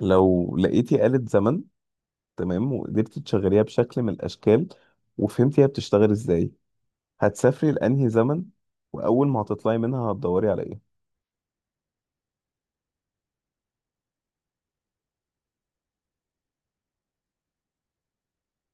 لو لقيتي آلة زمن، تمام، وقدرتي تشغليها بشكل من الأشكال، وفهمتي هي بتشتغل إزاي، هتسافري لأنهي زمن؟ وأول ما هتطلعي منها هتدوري على إيه؟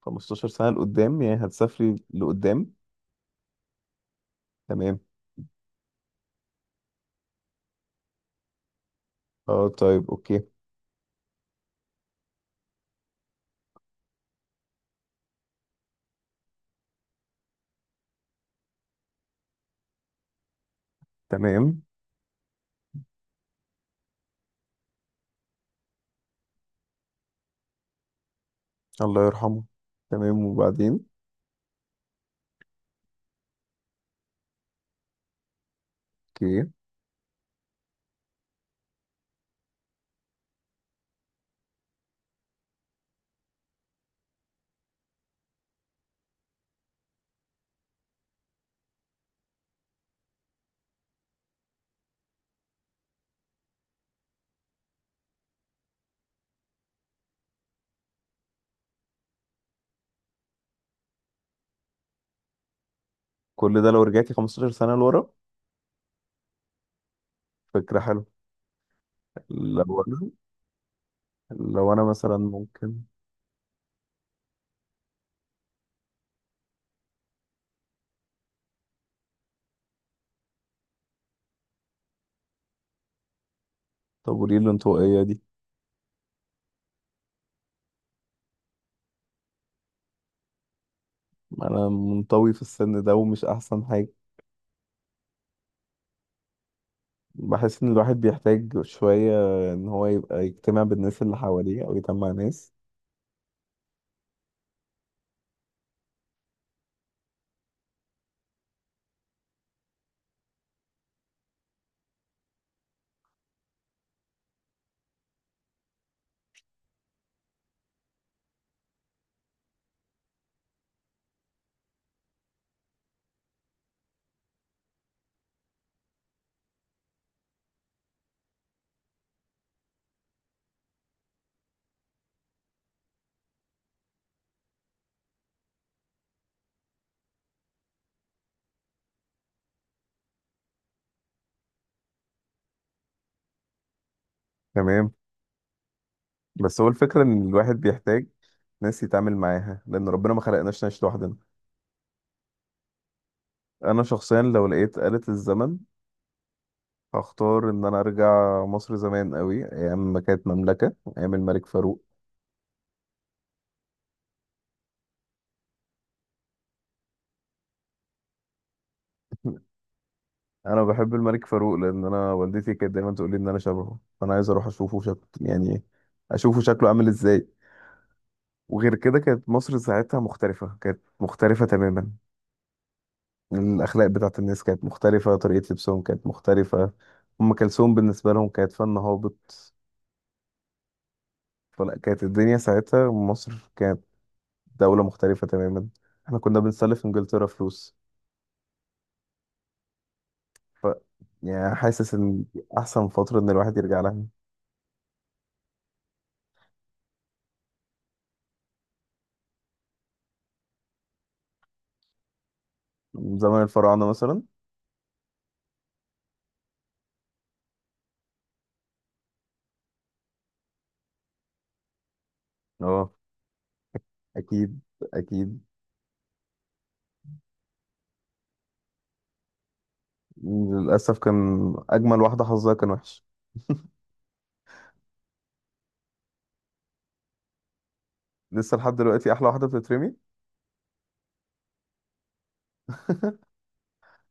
15 سنة لقدام يعني هتسافري لقدام. تمام. اه طيب أوكي. تمام. الله يرحمه. تمام وبعدين. أوكي. كل ده لو رجعتي 15 سنة لورا؟ فكرة حلوة. لو أنا لو أنا مثلا ممكن. طب وليه الانطوائية دي؟ ما أنا منطوي في السن ده ومش أحسن. بحس ان الواحد بيحتاج شوية ان هو يبقى يجتمع بالناس اللي حواليه او يجمع ناس. تمام. بس هو الفكرة ان الواحد بيحتاج ناس يتعامل معاها، لان ربنا ما خلقناش نعيش لوحدنا. انا شخصيا لو لقيت آلة الزمن هختار ان انا ارجع مصر زمان قوي، ايام ما كانت مملكة، ايام الملك فاروق. انا بحب الملك فاروق لان انا والدتي كانت دايما تقول لي ان انا شبهه، فانا عايز اروح اشوفه شكل يعني، اشوفه شكله عامل ازاي. وغير كده كانت مصر ساعتها مختلفة، كانت مختلفة تماما. الأخلاق بتاعت الناس كانت مختلفة، طريقة لبسهم كانت مختلفة. أم كلثوم بالنسبة لهم كانت فن هابط. فلا، كانت الدنيا ساعتها مصر كانت دولة مختلفة تماما. احنا كنا بنسلف إنجلترا فلوس. ف يعني حاسس إن دي أحسن فترة إن الواحد يرجع لها. من زمن الفراعنة مثلا. اه أكيد، أكيد. للأسف كان أجمل واحدة حظها كان وحش. لسه لحد دلوقتي أحلى واحدة بتترمي.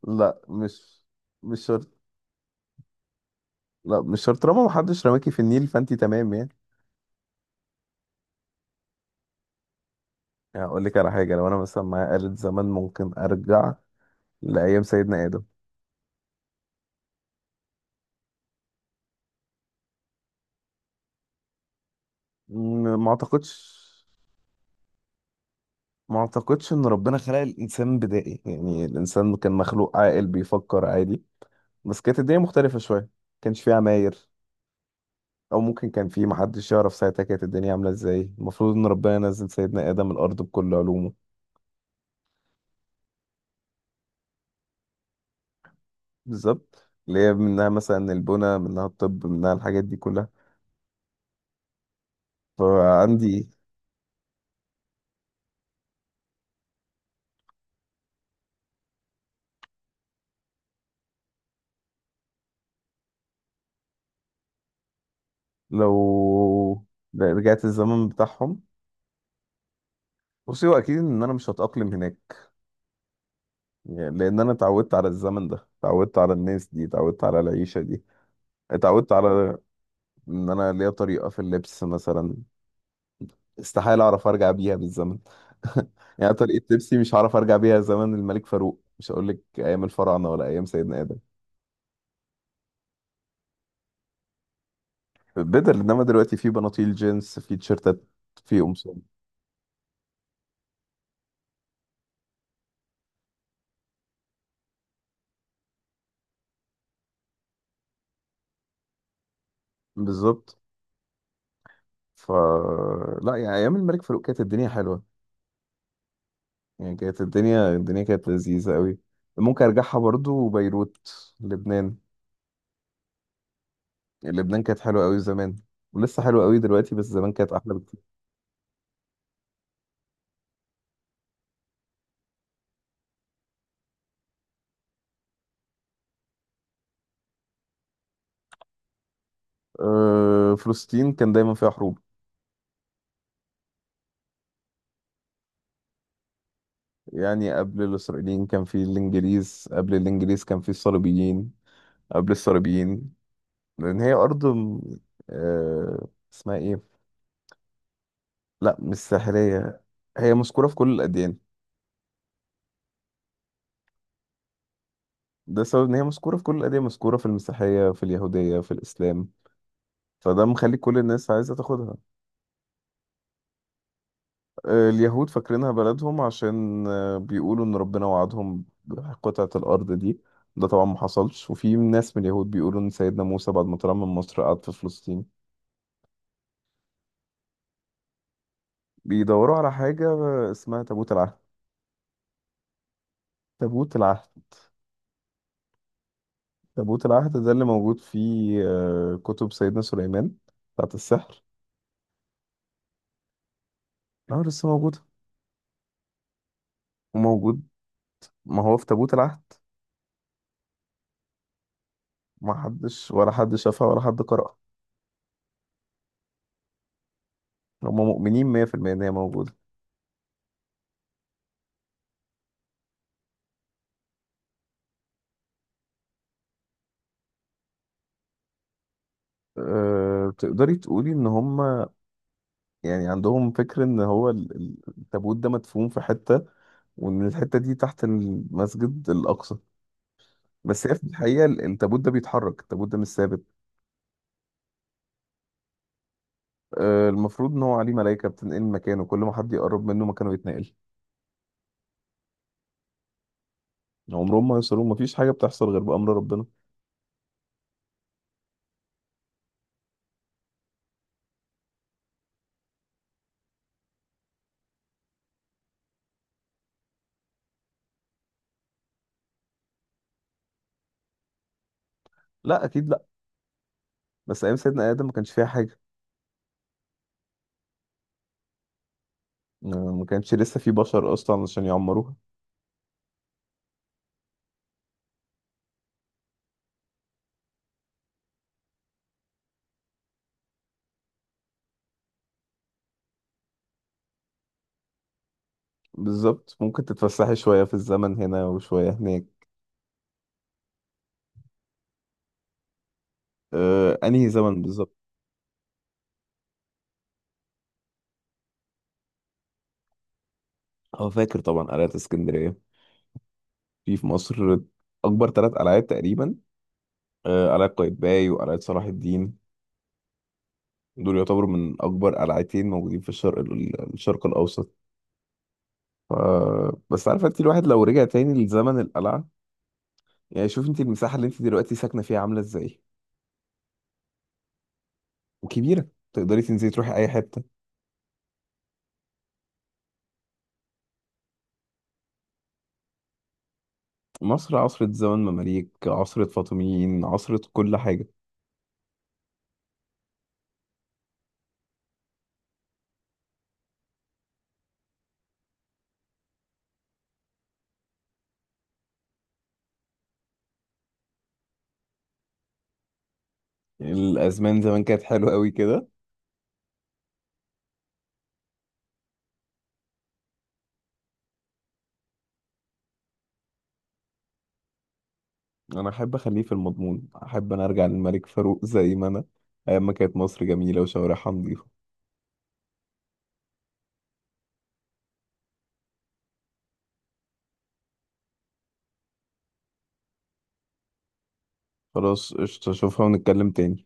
لا، مش شرط. لا مش شرط، طالما محدش رماكي في النيل فأنتي تمام يعني. اقول لك على حاجه، لو انا مثلا معايا آلة زمان ممكن ارجع لايام سيدنا ادم. ما اعتقدش. ما اعتقدش ان ربنا خلق الانسان بدائي، يعني الانسان كان مخلوق عاقل بيفكر عادي، بس كانت الدنيا مختلفه شويه. كانش فيه عماير. او ممكن كان فيه، محدش يعرف ساعتها كانت الدنيا عامله ازاي. المفروض ان ربنا نزل سيدنا ادم الارض بكل علومه. بالظبط، اللي هي منها مثلا البنى، منها الطب، منها الحاجات دي كلها. فعندي، لو رجعت الزمن بتاعهم، بصي هو اكيد ان انا مش هتاقلم هناك. يعني لان انا اتعودت على الزمن ده، اتعودت على الناس دي، اتعودت على العيشه دي، اتعودت على ان انا ليا طريقه في اللبس مثلا. استحاله اعرف ارجع بيها بالزمن. يعني طريقه لبسي مش هعرف ارجع بيها زمن الملك فاروق، مش هقول لك ايام الفراعنه ولا ايام سيدنا ادم. بدل، انما دلوقتي في بناطيل جينز، في تيشرتات، في قمصان. بالظبط. ف لا يعني ايام الملك فاروق كانت الدنيا حلوه. يعني كانت الدنيا كانت لذيذة قوي. ممكن ارجعها برضو بيروت، لبنان. يعني لبنان كانت حلوة قوي زمان، ولسه حلوة قوي دلوقتي، بس زمان كانت احلى بكتير. أه، فلسطين كان دايما فيها حروب. يعني قبل الاسرائيليين كان في الانجليز، قبل الانجليز كان في الصليبيين، قبل الصليبيين. لان هي ارض أه اسمها ايه؟ لا مش ساحلية، هي مذكورة في كل الاديان. ده سبب ان هي مذكورة في كل الاديان، مذكورة في المسيحية، في اليهودية، في الاسلام. فده مخلي كل الناس عايزة تاخدها. آه، اليهود فاكرينها بلدهم عشان آه، بيقولوا إن ربنا وعدهم بقطعة الأرض دي. ده طبعا ما حصلش. وفي ناس من اليهود بيقولوا إن سيدنا موسى بعد ما طلع من مصر قعد في فلسطين. بيدوروا على حاجة آه، اسمها تابوت العهد. تابوت العهد. تابوت العهد ده اللي موجود في آه، كتب سيدنا سليمان بتاعت السحر. اه لسه موجود. وموجود، ما هو في تابوت العهد. ما حدش، ولا حد شافها ولا حد قرأها. هم مؤمنين 100% إن هي موجودة. أه، تقدري تقولي ان هم يعني عندهم فكر ان هو التابوت ده مدفون في حتة، وان الحتة دي تحت المسجد الاقصى. بس هي في الحقيقة التابوت ده بيتحرك، التابوت ده مش ثابت. أه، المفروض ان هو عليه ملائكة بتنقل مكانه، كل ما حد يقرب منه مكانه يتنقل. عمرهم ما يوصلوا، مفيش حاجة بتحصل غير بأمر ربنا. لا اكيد لا، بس ايام سيدنا آدم ما كانش فيها حاجة. أه، ما كانش لسه في بشر اصلا عشان يعمروها. بالظبط. ممكن تتفسحي شوية في الزمن هنا وشوية هناك. أه، انهي زمن بالظبط؟ اه فاكر طبعا قلعة اسكندرية. في مصر أكبر ثلاث قلعات تقريبا. آه، قلعة قايتباي وقلعة صلاح الدين. دول يعتبروا من أكبر قلعتين موجودين في الشرق الشرق الأوسط. ف... بس عارفة أنت، الواحد لو رجع تاني لزمن القلعة، يعني شوف أنت المساحة اللي أنت دلوقتي ساكنة فيها عاملة إزاي؟ وكبيرة، تقدري تنزلي تروحي أي حتة. مصر عصرة زمن مماليك، عصرة فاطميين، عصرة كل حاجة. يعني الأزمان زمان كانت حلوة أوي كده. انا احب اخليه في المضمون، احب انا ارجع للملك فاروق زي ما انا، ايام ما كانت مصر جميله وشوارعها نظيفه. خلاص قشطه، اشوفها ونتكلم تاني.